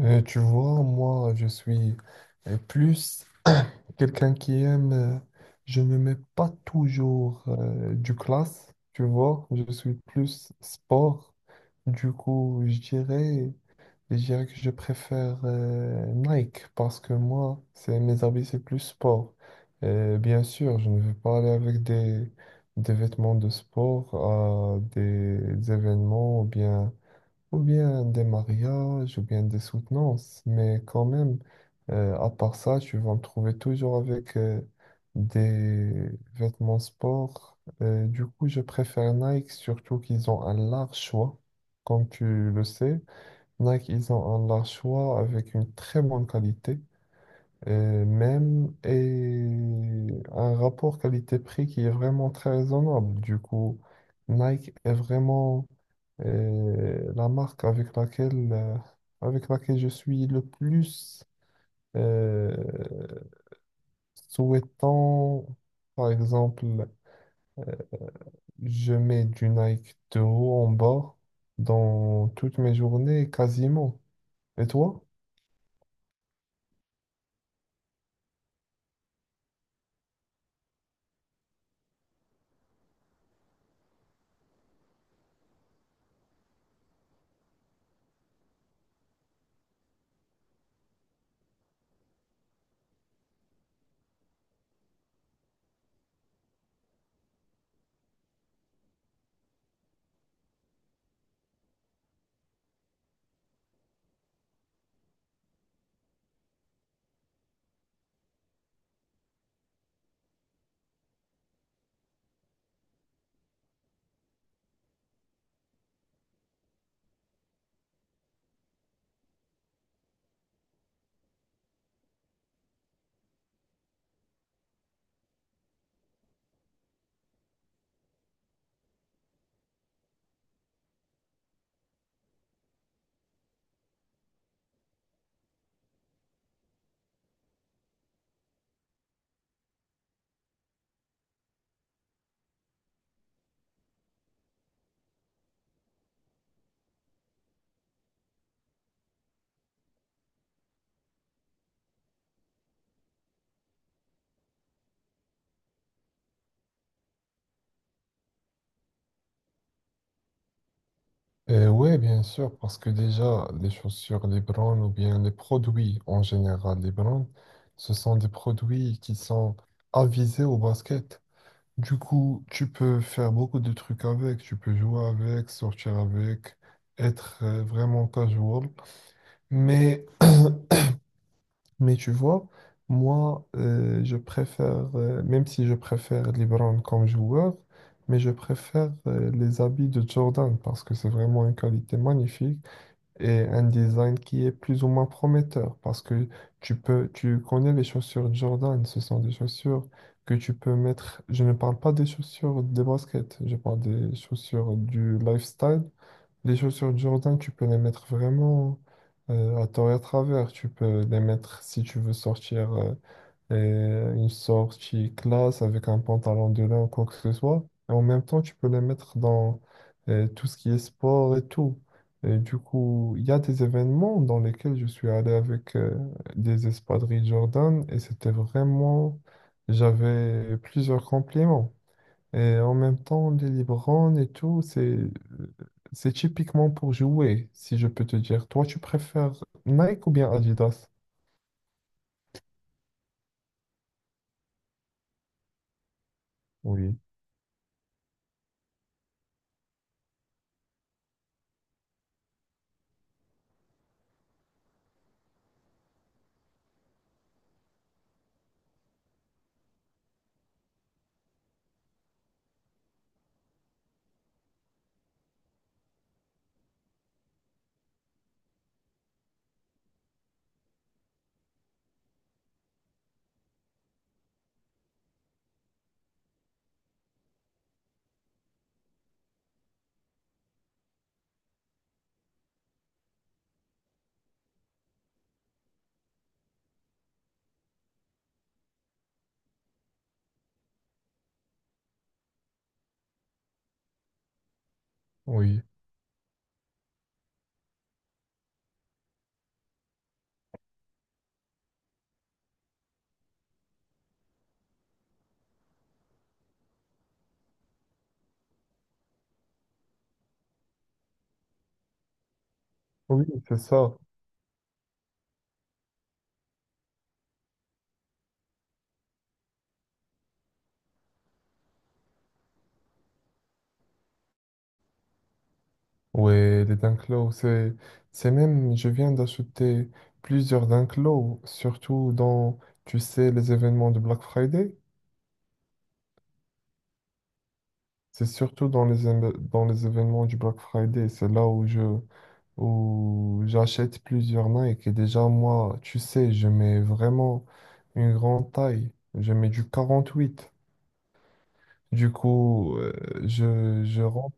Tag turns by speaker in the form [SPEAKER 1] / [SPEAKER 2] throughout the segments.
[SPEAKER 1] Tu vois, moi, je suis plus quelqu'un qui aime, je ne mets pas toujours du classe, tu vois, je suis plus sport. Du coup, je dirais que je préfère Nike parce que moi, c'est mes habits, c'est plus sport. Bien sûr, je ne vais pas aller avec des vêtements de sport à des événements ou bien des mariages, ou bien des soutenances. Mais quand même, à part ça, tu vas me trouver toujours avec des vêtements sport. Du coup, je préfère Nike, surtout qu'ils ont un large choix. Comme tu le sais, Nike, ils ont un large choix avec une très bonne qualité, et un rapport qualité-prix qui est vraiment très raisonnable. Du coup, Nike est vraiment et la marque avec avec laquelle je suis le plus euh, souhaitant, par exemple, je mets du Nike de haut en bas dans toutes mes journées, quasiment. Et toi? Ouais, bien sûr, parce que déjà, les chaussures, les brands ou bien les produits en général, les brands, ce sont des produits qui sont avisés au basket. Du coup, tu peux faire beaucoup de trucs avec, tu peux jouer avec, sortir avec, être vraiment casual. Mais, mais tu vois, moi, je préfère, même si je préfère LeBron comme joueur, mais je préfère les habits de Jordan parce que c'est vraiment une qualité magnifique et un design qui est plus ou moins prometteur parce que tu connais les chaussures Jordan, ce sont des chaussures que tu peux mettre. Je ne parle pas des chaussures des baskets, je parle des chaussures du lifestyle. Les chaussures Jordan, tu peux les mettre vraiment à tort et à travers. Tu peux les mettre si tu veux sortir. Et une sortie classe avec un pantalon de lin ou quoi que ce soit. Et en même temps, tu peux les mettre dans tout ce qui est sport et tout. Et du coup, il y a des événements dans lesquels je suis allé avec des espadrilles Jordan et c'était vraiment... J'avais plusieurs compliments. Et en même temps, les Libran et tout, c'est typiquement pour jouer, si je peux te dire. Toi, tu préfères Nike ou bien Adidas? Oui, oui. Oui, c'est ça. Ouais, c'est même, je viens d'acheter plusieurs Dunklo, surtout dans, tu sais, les événements de Black Friday. C'est surtout dans dans les événements du Black Friday, c'est là où j'achète plusieurs Nike. Et déjà, moi, tu sais, je mets vraiment une grande taille. Je mets du 48. Du coup, je rentre.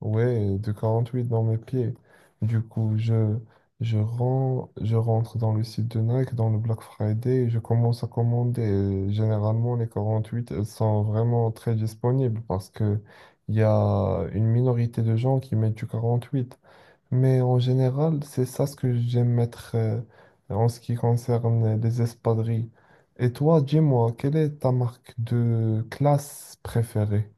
[SPEAKER 1] Ouais, de 48 dans mes pieds. Du coup, je rentre dans le site de Nike, dans le Black Friday, et je commence à commander. Généralement, les 48, elles sont vraiment très disponibles parce que il y a une minorité de gens qui mettent du 48, mais en général, c'est ça ce que j'aime mettre en ce qui concerne les espadrilles. Et toi, dis-moi, quelle est ta marque de classe préférée?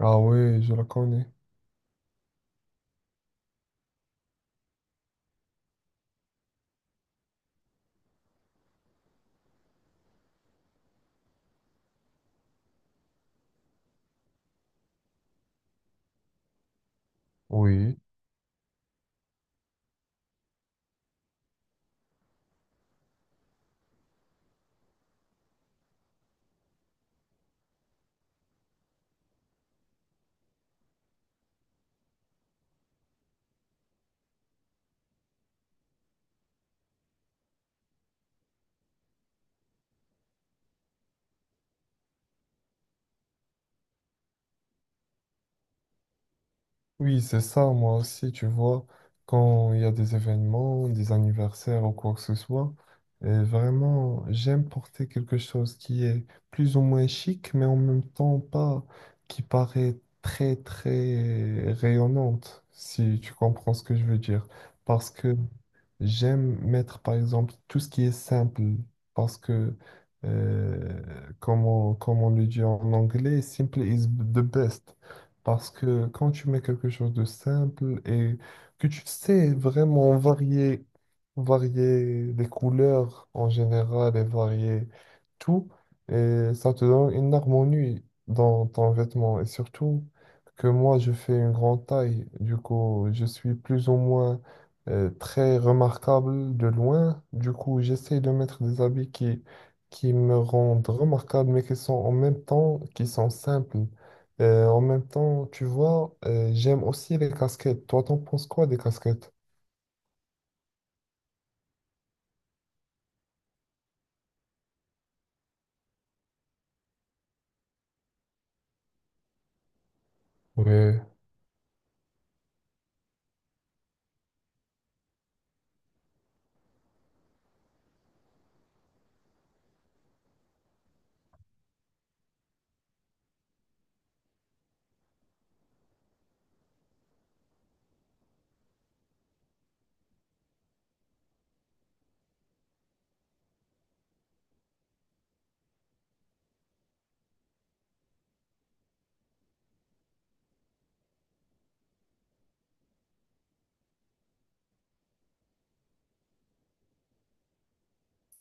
[SPEAKER 1] Ah oui, je la connais. Oui. Oui, c'est ça, moi aussi, tu vois, quand il y a des événements, des anniversaires ou quoi que ce soit, vraiment, j'aime porter quelque chose qui est plus ou moins chic, mais en même temps pas, qui paraît très, très rayonnante, si tu comprends ce que je veux dire. Parce que j'aime mettre, par exemple, tout ce qui est simple, parce que, euh, comme on le dit en anglais, simple is the best. Parce que quand tu mets quelque chose de simple et que tu sais vraiment varier, varier les couleurs en général et varier tout, et ça te donne une harmonie dans ton vêtement. Et surtout que moi, je fais une grande taille. Du coup, je suis plus ou moins très remarquable de loin. Du coup, j'essaie de mettre des habits qui me rendent remarquable, mais qui sont en même temps, qui sont simples. En même temps, tu vois, j'aime aussi les casquettes. Toi, t'en penses quoi des casquettes? Oui,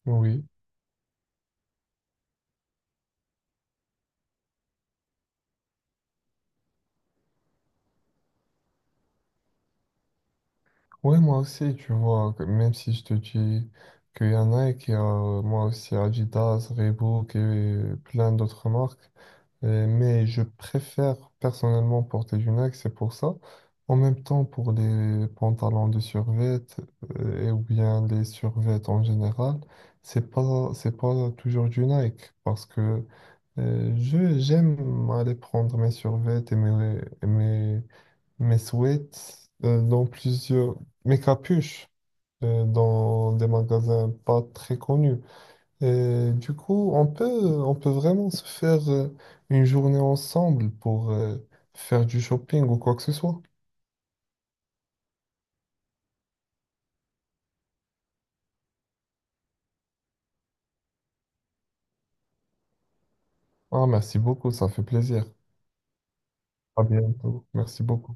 [SPEAKER 1] oui. Ouais, moi aussi, tu vois, que même si je te dis qu'il y en a et qu'il y a moi aussi Adidas, Reebok et plein d'autres marques, mais je préfère personnellement porter du Nike, c'est pour ça. En même temps, pour les pantalons de survêt et ou bien les survêtements en général, c'est pas toujours du Nike parce que je, j'aime aller prendre mes survêtements et mes mes sweats mes capuches dans des magasins pas très connus. Et du coup, on peut vraiment se faire une journée ensemble pour faire du shopping ou quoi que ce soit. Ah, merci beaucoup, ça fait plaisir. À bientôt. Merci beaucoup.